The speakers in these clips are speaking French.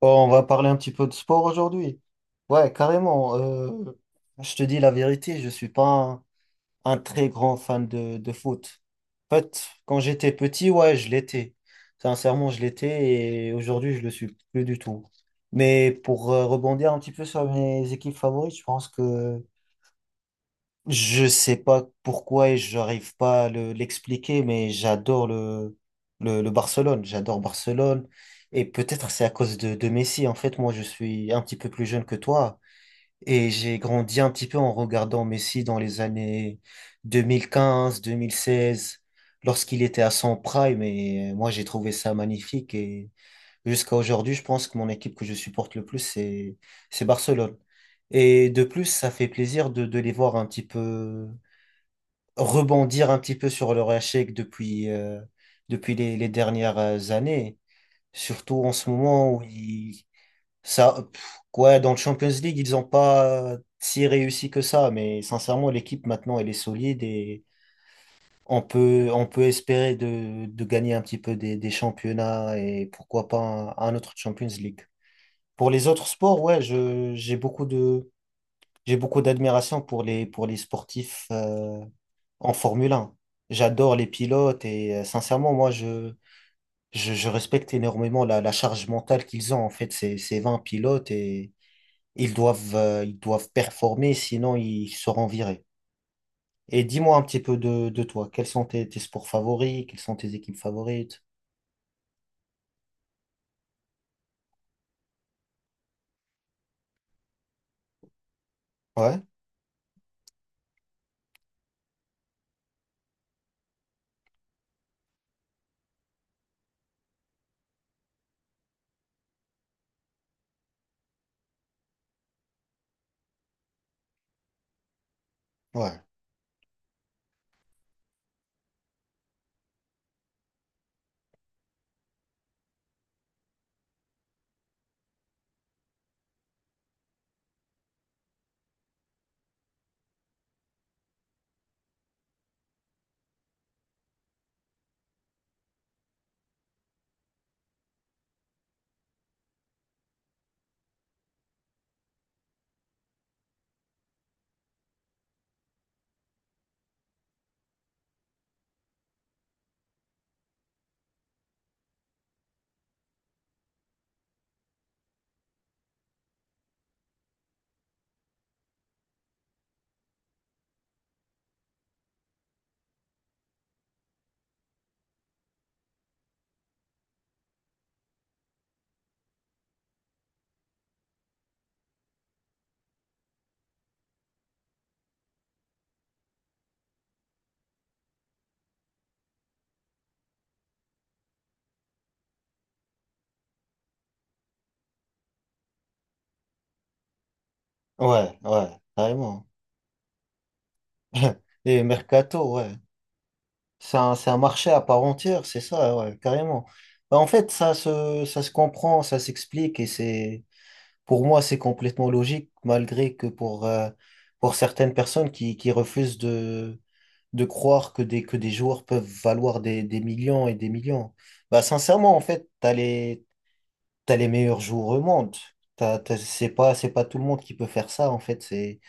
Bon, on va parler un petit peu de sport aujourd'hui. Ouais, carrément. Je te dis la vérité, je suis pas un très grand fan de foot. En fait, quand j'étais petit, ouais, je l'étais. Sincèrement, je l'étais et aujourd'hui, je le suis plus du tout. Mais pour rebondir un petit peu sur mes équipes favorites, je pense que je sais pas pourquoi et j'arrive pas à l'expliquer, mais j'adore le Barcelone. J'adore Barcelone. Et peut-être c'est à cause de Messi. En fait, moi, je suis un petit peu plus jeune que toi et j'ai grandi un petit peu en regardant Messi dans les années 2015 2016 lorsqu'il était à son prime. Et moi, j'ai trouvé ça magnifique. Et jusqu'à aujourd'hui, je pense que mon équipe que je supporte le plus, c'est Barcelone. Et de plus, ça fait plaisir de les voir un petit peu rebondir un petit peu sur leur échec depuis les dernières années. Surtout en ce moment où ça, quoi, dans le Champions League, ils n'ont pas si réussi que ça. Mais sincèrement, l'équipe maintenant, elle est solide et on peut espérer de gagner un petit peu des championnats et pourquoi pas un autre Champions League. Pour les autres sports, ouais, je, j'ai beaucoup de, j'ai beaucoup d'admiration pour les sportifs. En Formule 1, j'adore les pilotes et sincèrement, moi, je respecte énormément la charge mentale qu'ils ont. En fait, ces 20 pilotes et ils doivent performer, sinon ils seront virés. Et dis-moi un petit peu de toi. Quels sont tes sports favoris? Quelles sont tes équipes favorites? Ouais, ouais, ouais, ouais, carrément. Et Mercato, ouais. C'est un marché à part entière, c'est ça, ouais, carrément. Bah, en fait, ça se comprend, ça s'explique et pour moi, c'est complètement logique, malgré que pour certaines personnes qui refusent de croire que que des joueurs peuvent valoir des millions et des millions. Bah, sincèrement, en fait, t'as les meilleurs joueurs au monde. C'est pas tout le monde qui peut faire ça, en fait.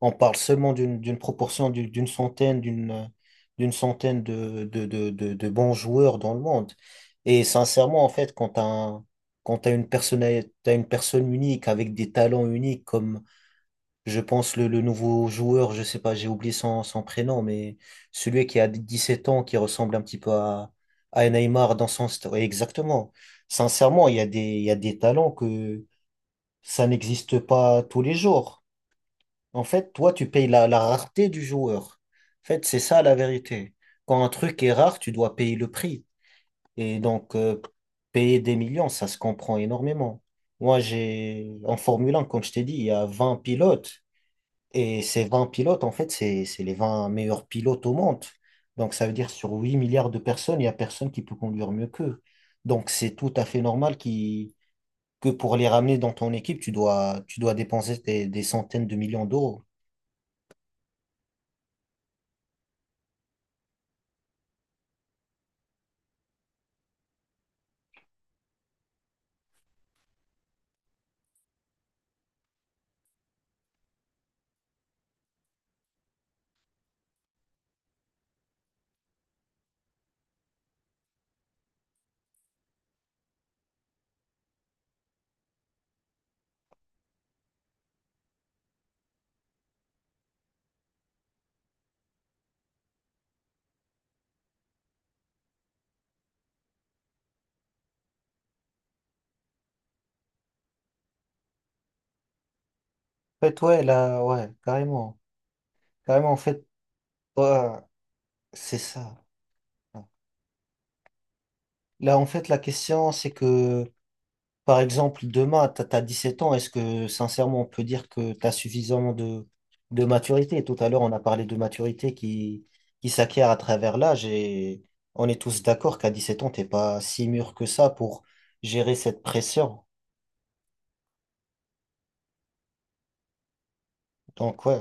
On parle seulement d'une proportion d'une centaine, d'une centaine de bons joueurs dans le monde. Et sincèrement, en fait, quand t'as une personne unique avec des talents uniques, comme je pense le nouveau joueur, je sais pas, j'ai oublié son prénom, mais celui qui a 17 ans, qui ressemble un petit peu à Neymar dans son style. Exactement. Sincèrement, il y a des talents que ça n'existe pas tous les jours. En fait, toi, tu payes la rareté du joueur. En fait, c'est ça la vérité. Quand un truc est rare, tu dois payer le prix. Et donc, payer des millions, ça se comprend énormément. Moi, en Formule 1, comme je t'ai dit, il y a 20 pilotes. Et ces 20 pilotes, en fait, c'est les 20 meilleurs pilotes au monde. Donc, ça veut dire sur 8 milliards de personnes, il n'y a personne qui peut conduire mieux qu'eux. Donc, c'est tout à fait normal qui que pour les ramener dans ton équipe, tu dois dépenser des centaines de millions d'euros. En fait, ouais, là, ouais, carrément. Carrément, en fait, ouais, c'est ça. Là, en fait, la question, c'est que, par exemple, demain, t'as 7 ans, est-ce que, sincèrement, on peut dire que t'as suffisamment de maturité? Tout à l'heure, on a parlé de maturité qui s'acquiert à travers l'âge et on est tous d'accord qu'à 17 ans, t'es pas si mûr que ça pour gérer cette pression. Donc, ouais,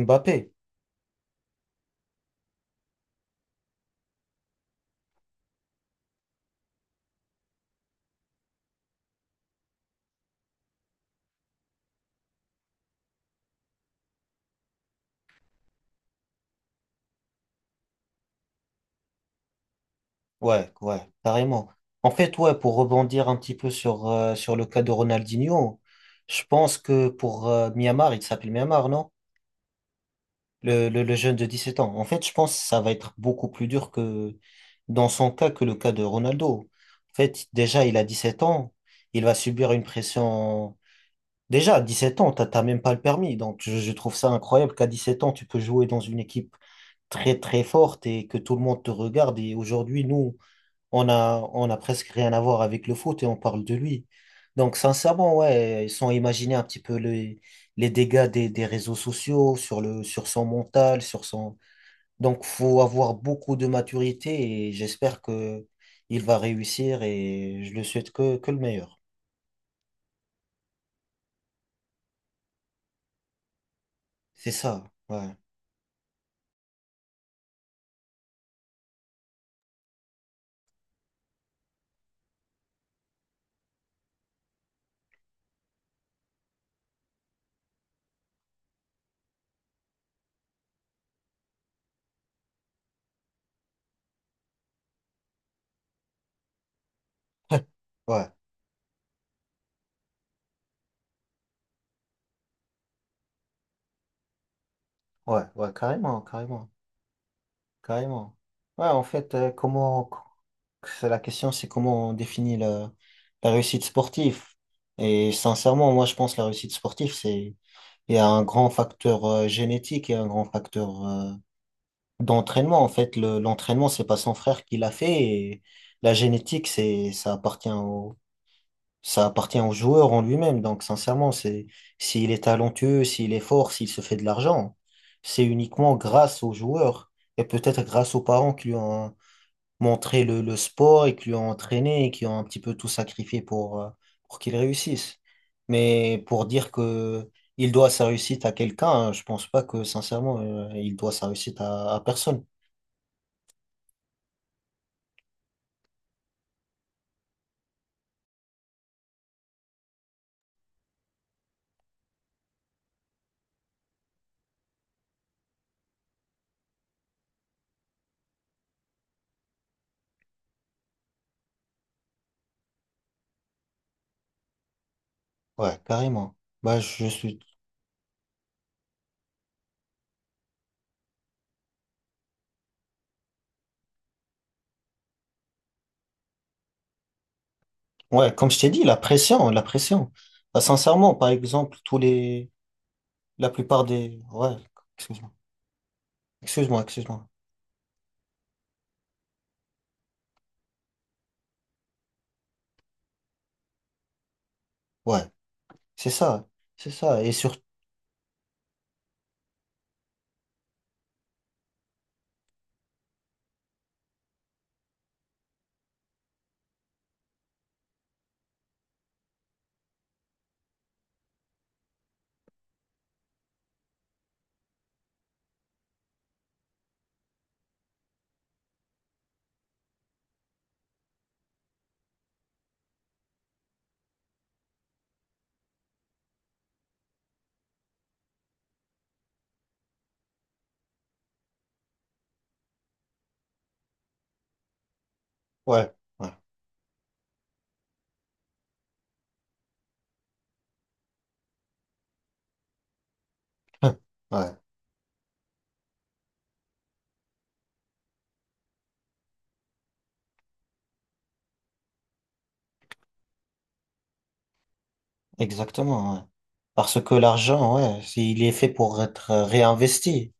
Mbappé. Ouais, ouais, carrément. En fait, ouais, pour rebondir un petit peu sur le cas de Ronaldinho, je pense que pour Myanmar, il s'appelle Myanmar, non? Le jeune de 17 ans. En fait, je pense que ça va être beaucoup plus dur que dans son cas que le cas de Ronaldo. En fait, déjà, il a 17 ans, il va subir une pression. Déjà, à 17 ans, t'as même pas le permis. Donc, je trouve ça incroyable qu'à 17 ans, tu peux jouer dans une équipe très, très forte et que tout le monde te regarde. Et aujourd'hui, nous, on a presque rien à voir avec le foot et on parle de lui. Donc, sincèrement, ouais, ils sont imaginés un petit peu les dégâts des réseaux sociaux sur son mental, sur son... Donc, faut avoir beaucoup de maturité et j'espère que il va réussir et je le souhaite que le meilleur. C'est ça, ouais, ouais, ouais, ouais, carrément, carrément. Carrément. Ouais, en fait, comment c'est la question, c'est comment on définit la réussite sportive. Et sincèrement, moi, je pense que la réussite sportive, c'est il y a un grand facteur génétique et un grand facteur d'entraînement. En fait, l'entraînement, c'est pas son frère qui l'a fait. Et la génétique, c'est ça appartient au joueur en lui-même. Donc, sincèrement, c'est s'il est talentueux, s'il est fort, s'il se fait de l'argent, c'est uniquement grâce au joueur et peut-être grâce aux parents qui lui ont montré le sport et qui l'ont entraîné et qui ont un petit peu tout sacrifié pour qu'il réussisse. Mais pour dire que il doit sa réussite à quelqu'un, hein, je pense pas que sincèrement il doit sa réussite à personne. Ouais, carrément. Bah je suis ouais, comme je t'ai dit, la pression, la pression. Bah, sincèrement, par exemple, tous les la plupart des ouais, excuse-moi. Excuse-moi, excuse-moi. Ouais, c'est ça. C'est ça et surtout ouais, ouais. Ouais. Exactement, ouais. Parce que l'argent, ouais, il est fait pour être réinvesti.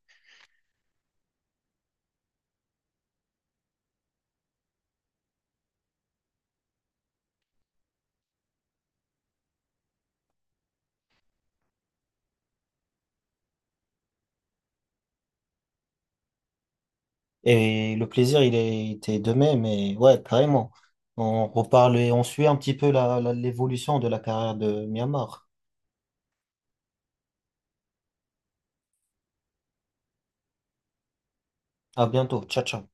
Et le plaisir, il est était de même, et ouais, carrément. On reparle et on suit un petit peu l'évolution de la carrière de Myanmar. À bientôt. Ciao, ciao.